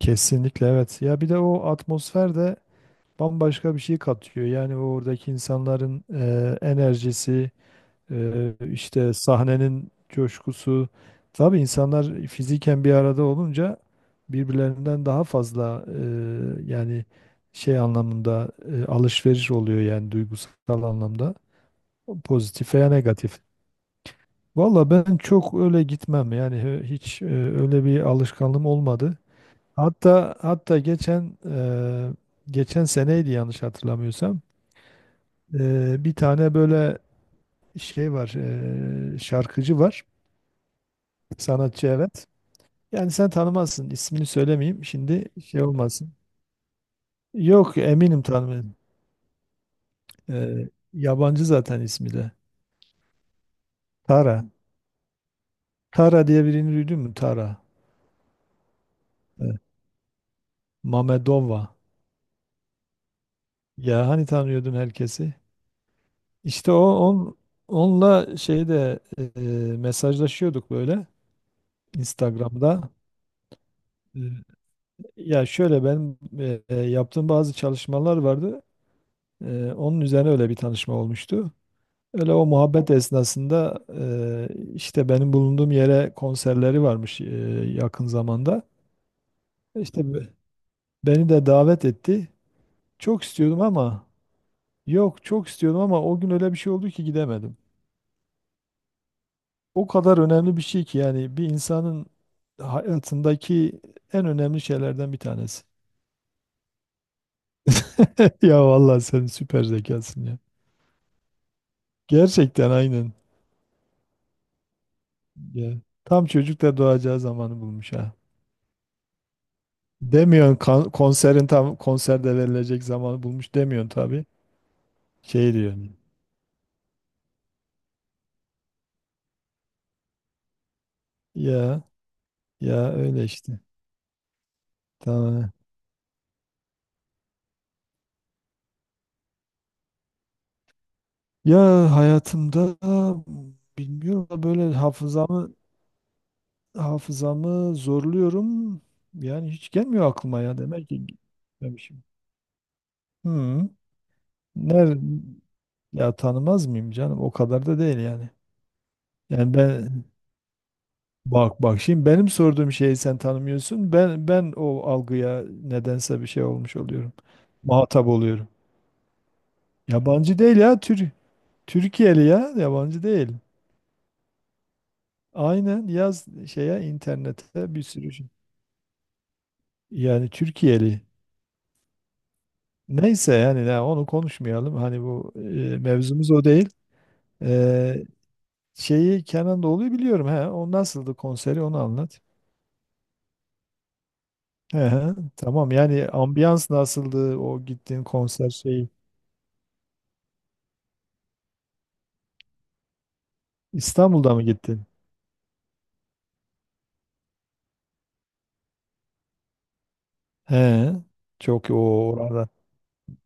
Kesinlikle evet. Ya bir de o atmosfer de bambaşka bir şey katıyor. Yani oradaki insanların enerjisi, işte sahnenin coşkusu. Tabii insanlar fiziken bir arada olunca birbirlerinden daha fazla yani şey anlamında alışveriş oluyor yani duygusal anlamda. Pozitif veya negatif. Valla ben çok öyle gitmem yani hiç öyle bir alışkanlığım olmadı. Hatta geçen geçen seneydi yanlış hatırlamıyorsam. Bir tane böyle şey var, şarkıcı var, sanatçı evet. Yani sen tanımazsın, ismini söylemeyeyim şimdi şey olmasın. Yok eminim tanımıyorum. Yabancı zaten ismi de. Tara. Tara diye birini duydun mu? Tara. Evet. Mamedova. Ya hani tanıyordun herkesi? İşte o onunla şeyde mesajlaşıyorduk böyle. Instagram'da. Ee, Ya şöyle ben yaptığım bazı çalışmalar vardı. Onun üzerine öyle bir tanışma olmuştu. Öyle o muhabbet esnasında işte benim bulunduğum yere konserleri varmış yakın zamanda. İşte beni de davet etti. Çok istiyordum ama yok çok istiyordum ama o gün öyle bir şey oldu ki gidemedim. O kadar önemli bir şey ki yani bir insanın hayatındaki en önemli şeylerden bir tanesi. Ya vallahi sen süper zekasın ya. Gerçekten aynen. Ya, tam çocuk da doğacağı zamanı bulmuş ha. Demiyorsun konserin tam konserde verilecek zamanı bulmuş demiyorsun tabii. Şey diyorsun. Ya ya öyle işte. Tamam. Ya hayatımda bilmiyorum da böyle hafızamı zorluyorum. Yani hiç gelmiyor aklıma ya demek ki gitmemişim. Hı. Ne ya tanımaz mıyım canım? O kadar da değil yani. Yani ben, bak bak şimdi benim sorduğum şeyi sen tanımıyorsun. Ben o algıya nedense bir şey olmuş oluyorum. Muhatap oluyorum. Yabancı değil ya Türkiye'li ya yabancı değil. Aynen yaz şeye internete bir sürü şey. Yani Türkiye'li. Neyse yani ya onu konuşmayalım. Hani bu mevzumuz o değil. E, şeyi Kenan Doğulu'yu biliyorum. He, o nasıldı konseri onu anlat. He, he, tamam yani ambiyans nasıldı o gittiğin konser şeyi. İstanbul'da mı gittin? He, çok o orada.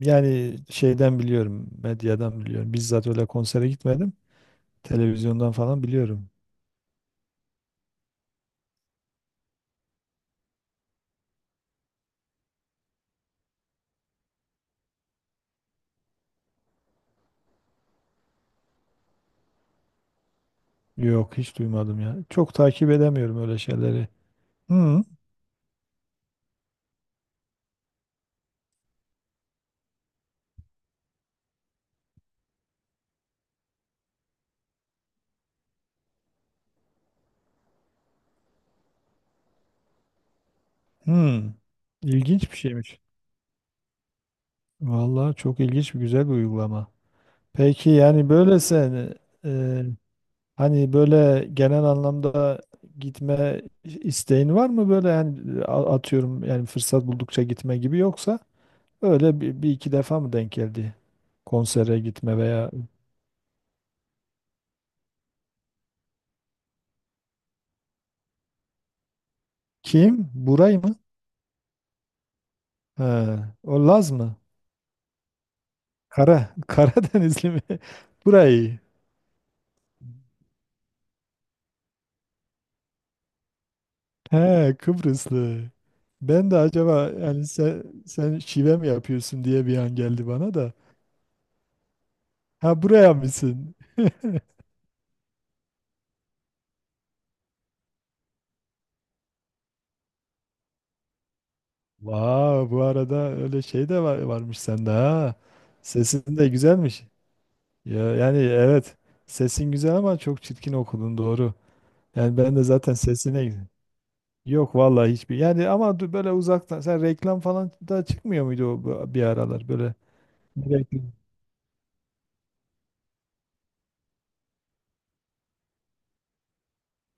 Yani şeyden biliyorum, medyadan biliyorum. Bizzat öyle konsere gitmedim. Televizyondan falan biliyorum. Yok, hiç duymadım ya. Çok takip edemiyorum öyle şeyleri. Hı, hı. İlginç bir şeymiş. Vallahi çok ilginç bir güzel bir uygulama. Peki yani böyle sen e, hani böyle genel anlamda gitme isteğin var mı böyle yani atıyorum yani fırsat buldukça gitme gibi yoksa öyle bir iki defa mı denk geldi? Konsere gitme veya kim? Buray mı? He, o Laz mı? Karadenizli mi? Buray. He, Kıbrıslı. Ben de acaba yani sen şive mi yapıyorsun diye bir an geldi bana da. Ha buraya mısın? Vay bu arada öyle şey de var, varmış sende ha. Sesin de güzelmiş. Ya, yani evet sesin güzel ama çok çirkin okudun doğru. Yani ben de zaten sesine. Yok vallahi hiçbir. Yani ama böyle uzaktan sen reklam falan da çıkmıyor muydu o bir aralar böyle? Reklam.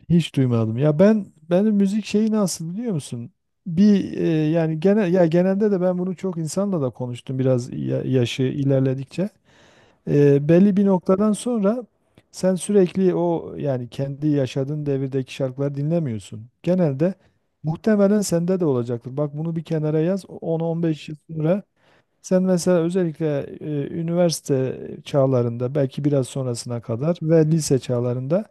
Hiç duymadım. Ya ben benim müzik şeyi nasıl biliyor musun? Bir yani genel ya genelde de ben bunu çok insanla da konuştum biraz yaşı ilerledikçe. Belli bir noktadan sonra sen sürekli o yani kendi yaşadığın devirdeki şarkıları dinlemiyorsun. Genelde muhtemelen sende de olacaktır. Bak bunu bir kenara yaz 10-15 yıl sonra. Sen mesela özellikle üniversite çağlarında belki biraz sonrasına kadar ve lise çağlarında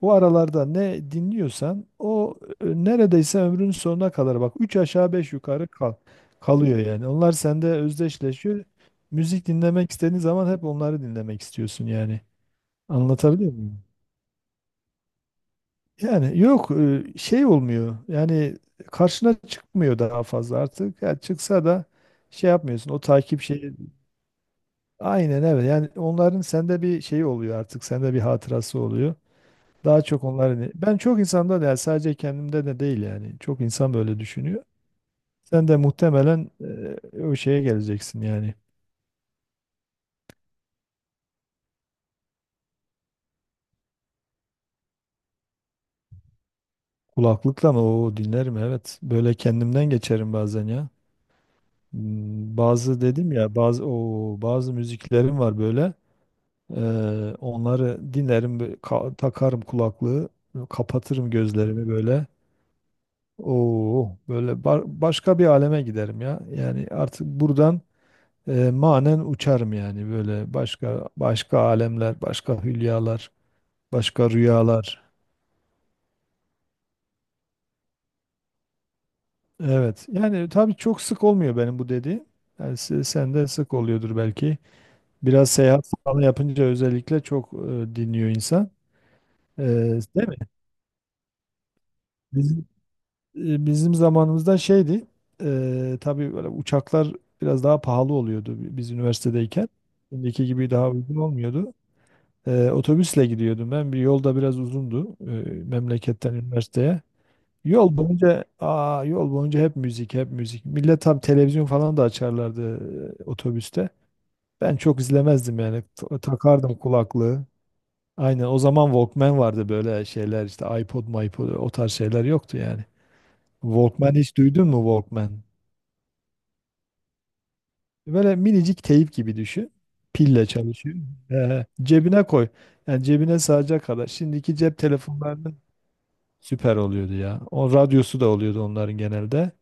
o aralarda ne dinliyorsan o neredeyse ömrünün sonuna kadar bak üç aşağı 5 yukarı kalıyor yani. Onlar sende özdeşleşiyor. Müzik dinlemek istediğin zaman hep onları dinlemek istiyorsun yani. Anlatabiliyor muyum? Yani yok şey olmuyor. Yani karşına çıkmıyor daha fazla artık. Ya çıksa da şey yapmıyorsun. O takip şeyi. Aynen evet. Yani onların sende bir şey oluyor artık. Sende bir hatırası oluyor. Daha çok onların. Ben çok insanda da yani sadece kendimde de değil yani. Çok insan böyle düşünüyor. Sen de muhtemelen o şeye geleceksin yani. Kulaklıkla mı? Oo dinlerim evet. Böyle kendimden geçerim bazen ya. Hmm, bazı dedim ya bazı o bazı müziklerim var böyle. E, onları dinlerim, böyle takarım kulaklığı, kapatırım gözlerimi böyle. Oo, böyle başka bir aleme giderim ya. Yani artık buradan manen uçarım yani böyle başka başka alemler, başka hülyalar, başka rüyalar. Evet. Yani tabii çok sık olmuyor benim bu dediğim. Yani sende sık oluyordur belki. Biraz seyahat falan yapınca özellikle çok dinliyor insan. E, değil mi? Bizim zamanımızda şeydi. Tabii böyle uçaklar biraz daha pahalı oluyordu biz üniversitedeyken. Şimdiki gibi daha uygun olmuyordu. Otobüsle gidiyordum ben. Bir yolda biraz uzundu memleketten üniversiteye. Yol boyunca aa, yol boyunca hep müzik, hep müzik. Millet tabii televizyon falan da açarlardı otobüste. Ben çok izlemezdim yani. Takardım kulaklığı. Aynen o zaman Walkman vardı böyle şeyler işte iPod o tarz şeyler yoktu yani. Walkman hiç duydun mu Walkman? Böyle minicik teyip gibi düşün. Pille çalışıyor. Cebine koy. Yani cebine sığacak kadar. Şimdiki cep telefonlarında süper oluyordu ya. O radyosu da oluyordu onların genelde.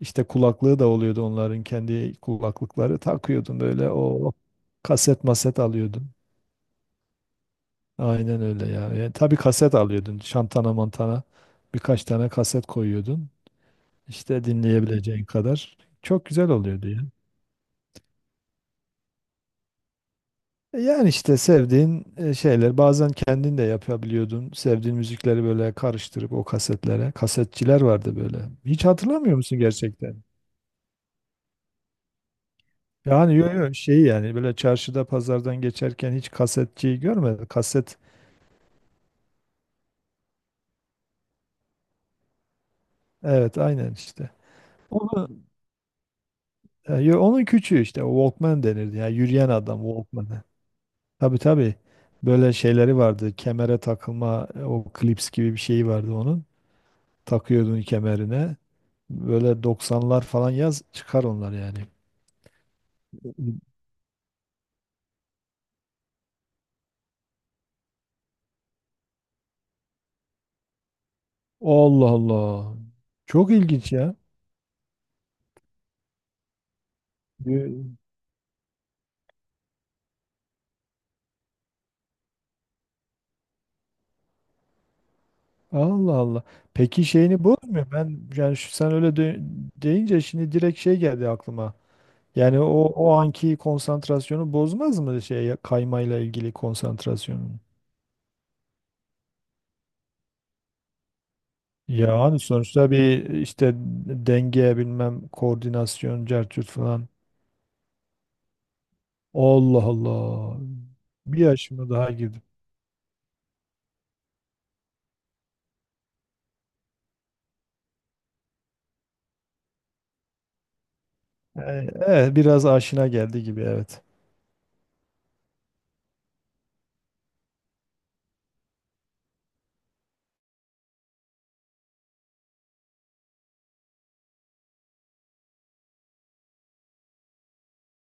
İşte kulaklığı da oluyordu onların kendi kulaklıkları. Takıyordun böyle o kaset maset alıyordun. Aynen öyle ya. Yani tabii kaset alıyordun. Şantana mantana birkaç tane kaset koyuyordun. İşte dinleyebileceğin kadar. Çok güzel oluyordu ya. Yani işte sevdiğin şeyler bazen kendin de yapabiliyordun. Sevdiğin müzikleri böyle karıştırıp o kasetlere. Kasetçiler vardı böyle. Hiç hatırlamıyor musun gerçekten? Yani yo şey yani böyle çarşıda pazardan geçerken hiç kasetçiyi görmedim. Kaset evet aynen işte. Onu, onun küçüğü işte Walkman denirdi. Yani yürüyen adam Walkman'ı. Tabii tabii. Böyle şeyleri vardı. Kemere takılma o klips gibi bir şeyi vardı onun. Takıyordun kemerine. Böyle doksanlar falan yaz çıkar onlar yani. Allah Allah. Çok ilginç ya. Yo- Allah Allah. Peki şeyini bozmuyor. Ben yani sen öyle deyince şimdi direkt şey geldi aklıma. Yani o anki konsantrasyonu bozmaz mı şey kaymayla ilgili konsantrasyonu? Yani sonuçta bir işte denge bilmem koordinasyon cercut falan. Allah Allah. Bir yaşıma daha girdim. Evet, biraz aşina geldi gibi evet.